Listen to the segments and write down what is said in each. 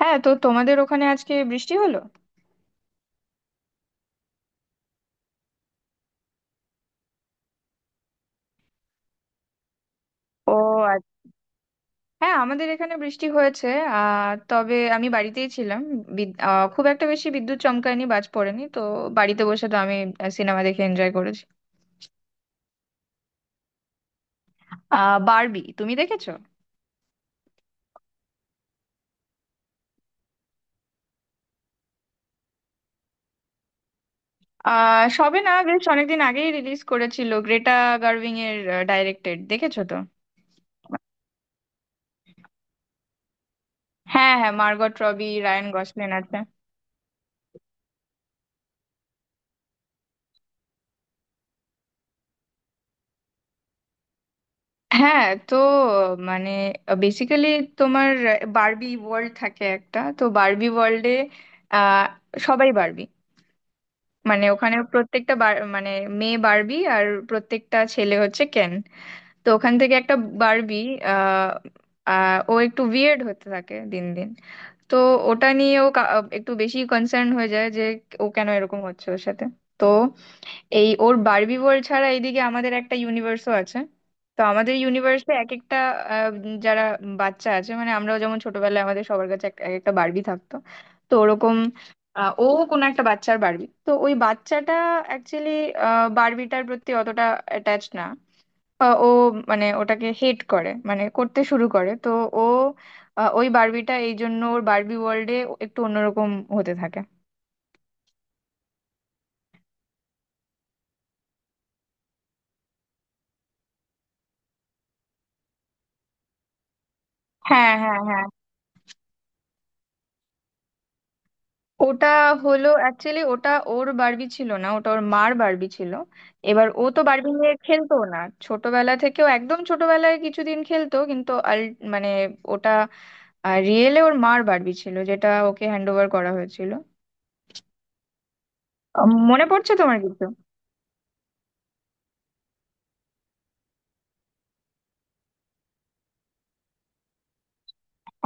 হ্যাঁ, তো তোমাদের ওখানে আজকে বৃষ্টি হলো? ও, আচ্ছা। হ্যাঁ, আমাদের এখানে বৃষ্টি হয়েছে। তবে আমি বাড়িতেই ছিলাম। খুব একটা বেশি বিদ্যুৎ চমকায়নি, বাজ পড়েনি তো। বাড়িতে বসে তো আমি সিনেমা দেখে এনজয় করেছি। বারবি, তুমি দেখেছো? সবে না, বেশ অনেকদিন আগেই রিলিজ করেছিল। গ্রেটা গার্ভিং এর ডাইরেক্টেড, দেখেছো তো? হ্যাঁ হ্যাঁ, মার্গট রবি, রায়ান গসলিন আছে। হ্যাঁ, তো মানে বেসিক্যালি তোমার বারবি ওয়ার্ল্ড থাকে একটা, তো বারবি ওয়ার্ল্ডে আহ সবাই বারবি। ওখানে প্রত্যেকটা বার- মানে মেয়ে বারবি আর প্রত্যেকটা ছেলে হচ্ছে কেন। তো ওখান থেকে একটা বারবি আহ আহ, ও একটু উইয়ার্ড হতে থাকে দিন দিন। তো ওটা নিয়ে একটু বেশি কনসার্ন হয়ে যায় যে ও কেন এরকম হচ্ছে ওর সাথে। তো এই ওর বারবি ওয়ার্ল্ড ছাড়া এইদিকে আমাদের একটা ইউনিভার্সও আছে। তো আমাদের ইউনিভার্সে এক একটা, আহ, যারা বাচ্চা আছে, মানে আমরাও যেমন ছোটবেলায় আমাদের সবার কাছে এক এক একটা বারবি থাকতো। তো ওরকম ও কোন একটা বাচ্চার বারবি, তো ওই বাচ্চাটা অ্যাকচুয়ালি বারবিটার প্রতি অতটা অ্যাটাচ না। ও মানে ওটাকে হেট করে, করতে শুরু করে তো। ও ওই বারবিটা এই জন্য ওর বারবি ওয়ার্ল্ডে একটু অন্যরকম হতে থাকে। হ্যাঁ হ্যাঁ হ্যাঁ। ওটা হলো অ্যাকচুয়ালি, ওটা ওর বারবি ছিল না, ওটা ওর মার বারবি ছিল। এবার ও তো বারবি নিয়ে খেলতো না ছোটবেলা থেকেও, একদম ছোটবেলায় কিছুদিন খেলতো, কিন্তু আল মানে ওটা রিয়েলে ওর মার বারবি ছিল, যেটা ওকে হ্যান্ড ওভার করা হয়েছিল। আহ, মনে পড়ছে তোমার কিছু?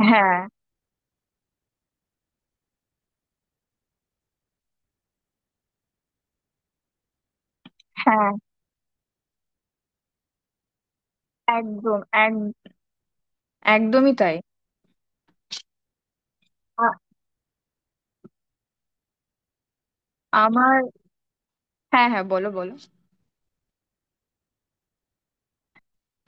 হ্যাঁ হ্যাঁ, একদম। এক একদমই তাই। আ- আমার হ্যাঁ হ্যাঁ, বলো বলো।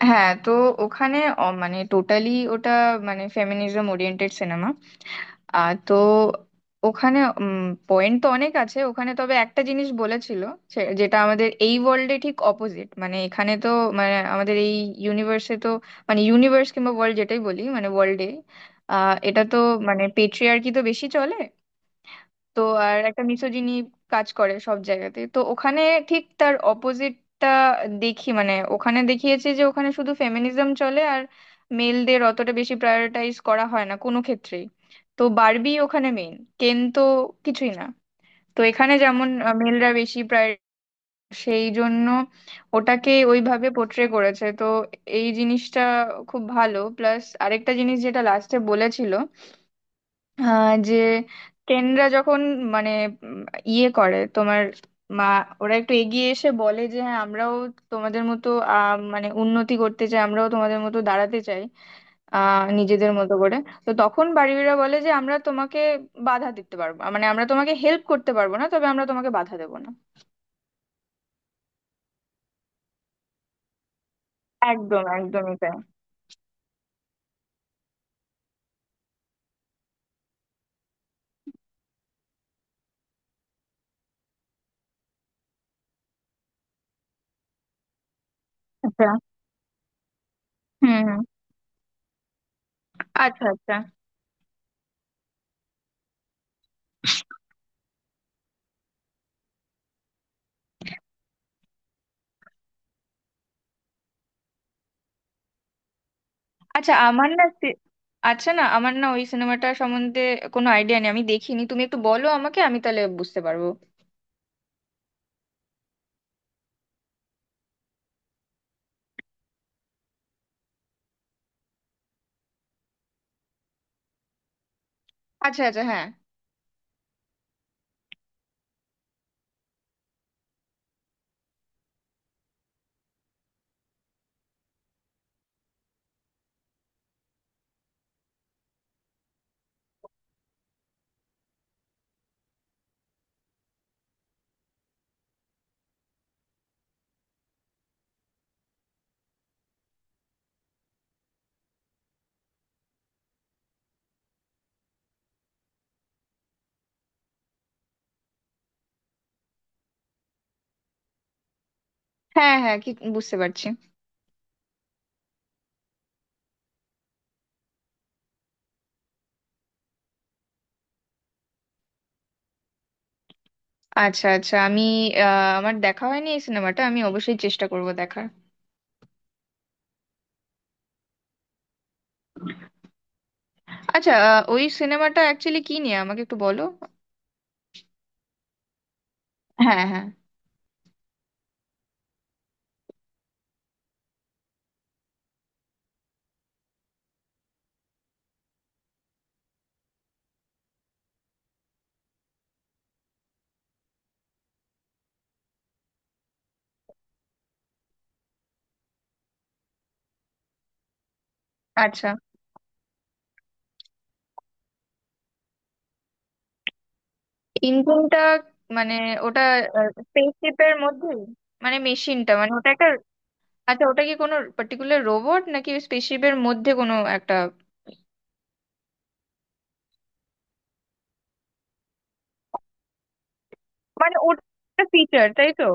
হ্যাঁ, তো ওখানে অ- মানে টোটালি ওটা ফেমিনিজম ওরিয়েন্টেড সিনেমা। তো ওখানে পয়েন্ট তো অনেক আছে, ওখানে তবে একটা জিনিস বলেছিল যেটা আমাদের এই ওয়ার্ল্ডে ঠিক অপোজিট। মানে এখানে তো, আমাদের এই ইউনিভার্সে তো, মানে ইউনিভার্স কিংবা ওয়ার্ল্ড যেটাই বলি, ওয়ার্ল্ডে এটা তো পেট্রিয়ার্কি তো বেশি চলে। তো আর একটা মিsogyny কাজ করে সব জায়গাতে, তো ওখানে ঠিক তার অপোজিটটা দেখি। মানে ওখানে দেখিয়েছে যে ওখানে শুধু ফেমিনিজম চলে আর মেলদের অতটা বেশি প্রায়োরিটাইজ করা হয় না কোনো ক্ষেত্রেই। তো বারবি ওখানে মেইন, কেন তো কিছুই না। তো এখানে যেমন মেলরা বেশি প্রায়, সেই জন্য ওটাকে ওইভাবে পোট্রে করেছে তো। এই জিনিসটা খুব ভালো। প্লাস আরেকটা জিনিস যেটা লাস্টে বলেছিল, আহ, যে টেনরা যখন, মানে উম, ইয়ে করে তোমার মা, ওরা একটু এগিয়ে এসে বলে যে হ্যাঁ, আমরাও তোমাদের মতো আহ, মানে উন্নতি করতে চাই, আমরাও তোমাদের মতো দাঁড়াতে চাই নিজেদের মতো করে। তো তখন বাড়িওয়ালা বলে যে আমরা তোমাকে বাধা দিতে পারবো, মানে আমরা তোমাকে হেল্প করতে পারবো না, তবে আমরা তোমাকে বাধা দেবো না। একদম, একদমই তাই। আচ্ছা। হুম হুম। আচ্ছা আচ্ছা। আচ্ছা আমার না সে- আচ্ছা না, আমার না ওই সিনেমাটা সম্বন্ধে কোনো আইডিয়া নেই, আমি দেখিনি। তুমি একটু বলো আমাকে, আমি তাহলে বুঝতে পারবো। আচ্ছা আচ্ছা। হ্যাঁ হ্যাঁ হ্যাঁ, কি বুঝতে পারছি। আচ্ছা আচ্ছা আমি আহ, আমার দেখা হয়নি এই সিনেমাটা, আমি অবশ্যই চেষ্টা করব দেখার। আচ্ছা, ওই সিনেমাটা অ্যাকচুয়ালি কি নিয়ে আমাকে একটু বলো। হ্যাঁ হ্যাঁ। আচ্ছা। ইঞ্জিনটা মানে ওটা, স্পেসশিপের মধ্যে, মানে মেশিনটা, মানে ওটা একটা। আচ্ছা, ওটা কি কোনো পার্টিকুলার রোবট নাকি স্পেসশিপের মধ্যে কোনো একটা? মানে ওটা ফিচার তাই তো?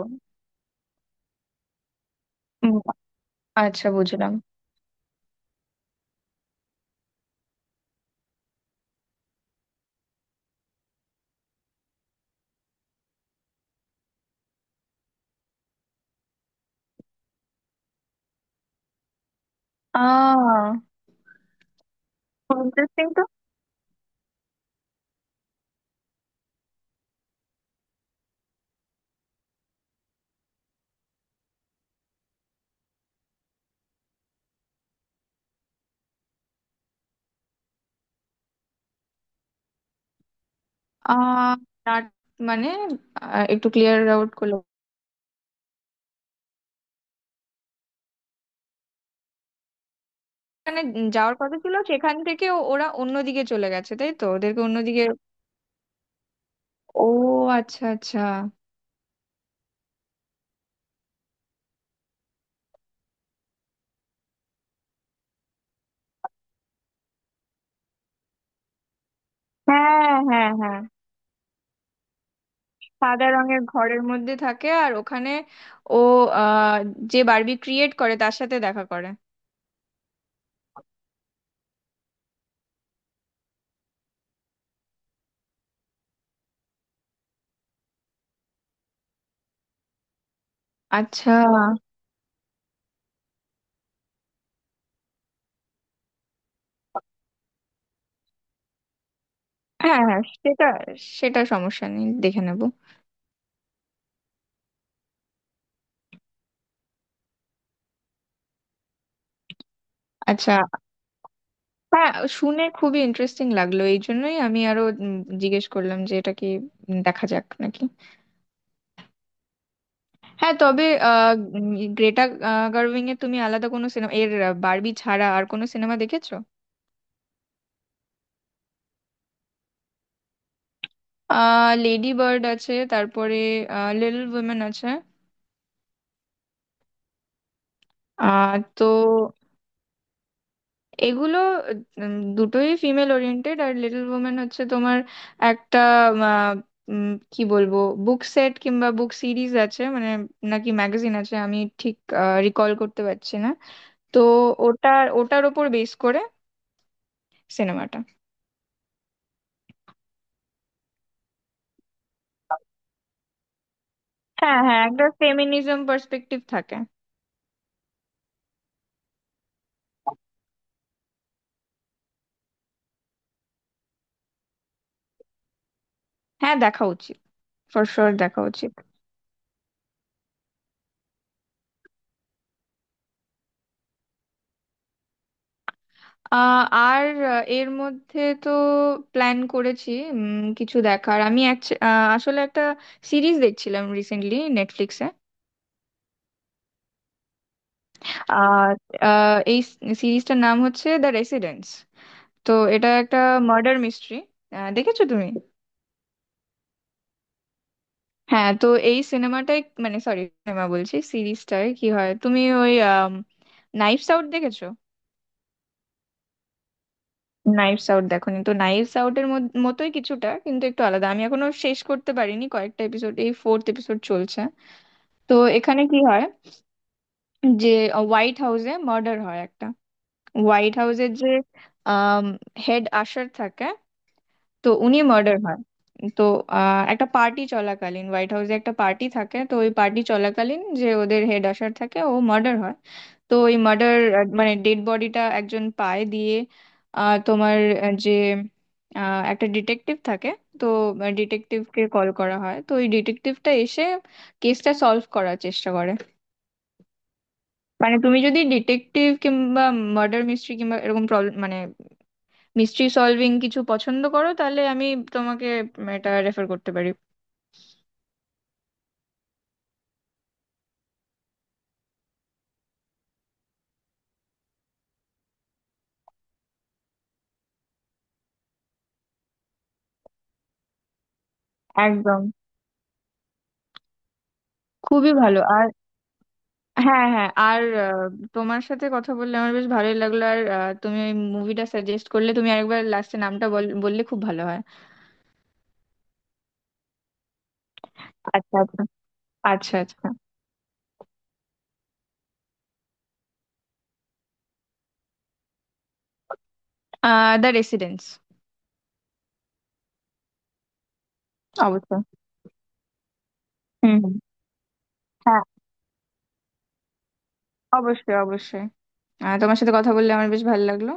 উম, আচ্ছা, বুঝলাম। আহ ইন্টারেস্টিং তো। আহ না- মানে আহ, একটু ক্লিয়ার আউট করলো মানে, যাওয়ার কথা ছিল সেখান থেকে, ওরা অন্যদিকে চলে গেছে তাই তো, ওদেরকে অন্যদিকে। ও আচ্ছা আচ্ছা। হ্যাঁ হ্যাঁ হ্যাঁ, সাদা রঙের ঘরের মধ্যে থাকে আর ওখানে ও আহ যে বারবি ক্রিয়েট করে তার সাথে দেখা করে। আচ্ছা। হ্যাঁ হ্যাঁ, সেটা সেটা সমস্যা নেই, দেখে নেব। আচ্ছা। হ্যাঁ, শুনে খুবই ইন্টারেস্টিং লাগলো, এই জন্যই আমি আরো জিজ্ঞেস করলাম যে এটা কি। দেখা যাক নাকি। হ্যাঁ, তবে গ্রেটা গার্ভিং এর তুমি আলাদা কোনো সিনেমা, বারবি ছাড়া আর কোনো সিনেমা দেখেছো? লেডি বার্ড আছে, তারপরে লিটল উইমেন আছে। তো এগুলো দুটোই ফিমেল ওরিয়েন্টেড। আর লিটল ওমেন হচ্ছে তোমার একটা, আহ, উম, কি বলবো, বুক সেট কিংবা বুক সিরিজ আছে মানে, নাকি ম্যাগাজিন আছে, আমি ঠিক রিকল করতে পারছি না। তো ওটার ওটার ওপর বেস করে সিনেমাটা। হ্যাঁ হ্যাঁ, একটা ফেমিনিজম পার্সপেক্টিভ থাকে। হ্যাঁ, দেখা উচিত, ফর শিওর দেখা উচিত। আহ, আর এর মধ্যে তো প্ল্যান করেছি কিছু দেখার। আমি আসলে একটা সিরিজ দেখছিলাম রিসেন্টলি নেটফ্লিক্সে। আর এই সিরিজটার নাম হচ্ছে দ্য রেসিডেন্স। তো এটা একটা মার্ডার মিস্ট্রি, দেখেছো তুমি? হ্যাঁ, তো এই সিনেমাটাই মানে সরি সিনেমা বলছি সিরিজটায় কি হয়, তুমি ওই নাইফস আউট দেখেছো? নাইভস আউট দেখোনি তো, নাইভস আউটের মতোই কিছুটা, কিন্তু একটু আলাদা। আমি এখনো শেষ করতে পারিনি, কয়েকটা এপিসোড, এই ফোর্থ এপিসোড চলছে। তো এখানে কি হয় যে হোয়াইট হাউসে মার্ডার হয় একটা। হোয়াইট হাউসের যে হেড আশার থাকে, তো উনি মার্ডার হয়। তো একটা পার্টি চলাকালীন, হোয়াইট হাউসে একটা পার্টি থাকে, তো ওই পার্টি চলাকালীন যে ওদের হেড আশার থাকে, ও মার্ডার হয়। তো ওই মার্ডার, মানে ডেড বডিটা একজন পায়। দিয়ে আহ, তোমার আহ, যে আহ, একটা ডিটেকটিভ থাকে, তো ডিটেকটিভকে কল করা হয়, তো ওই ডিটেকটিভটা এসে কেসটা সলভ করার চেষ্টা করে। মানে তুমি যদি ডিটেকটিভ কিংবা মার্ডার মিস্ট্রি কিংবা এরকম প্রবলেম, মিস্ট্রি সলভিং কিছু পছন্দ করো, তাহলে আমি তোমাকে এটা রেফার করতে পারি। একদম। খুবই ভালো। আর হ্যাঁ হ্যাঁ, আর তোমার সাথে কথা বললে আমার বেশ ভালোই লাগলো। আর তুমি ওই মুভিটা সাজেস্ট করলে, তুমি আরেকবার লাস্টে নামটা বললে খুব ভালো হয়। আচ্ছা আচ্ছা। আচ্ছা আচ্ছা। The residence. অবশ্যই। হুম হুম। হ্যাঁ, অবশ্যই অবশ্যই। তোমার সাথে কথা বললে আমার বেশ ভালো লাগলো।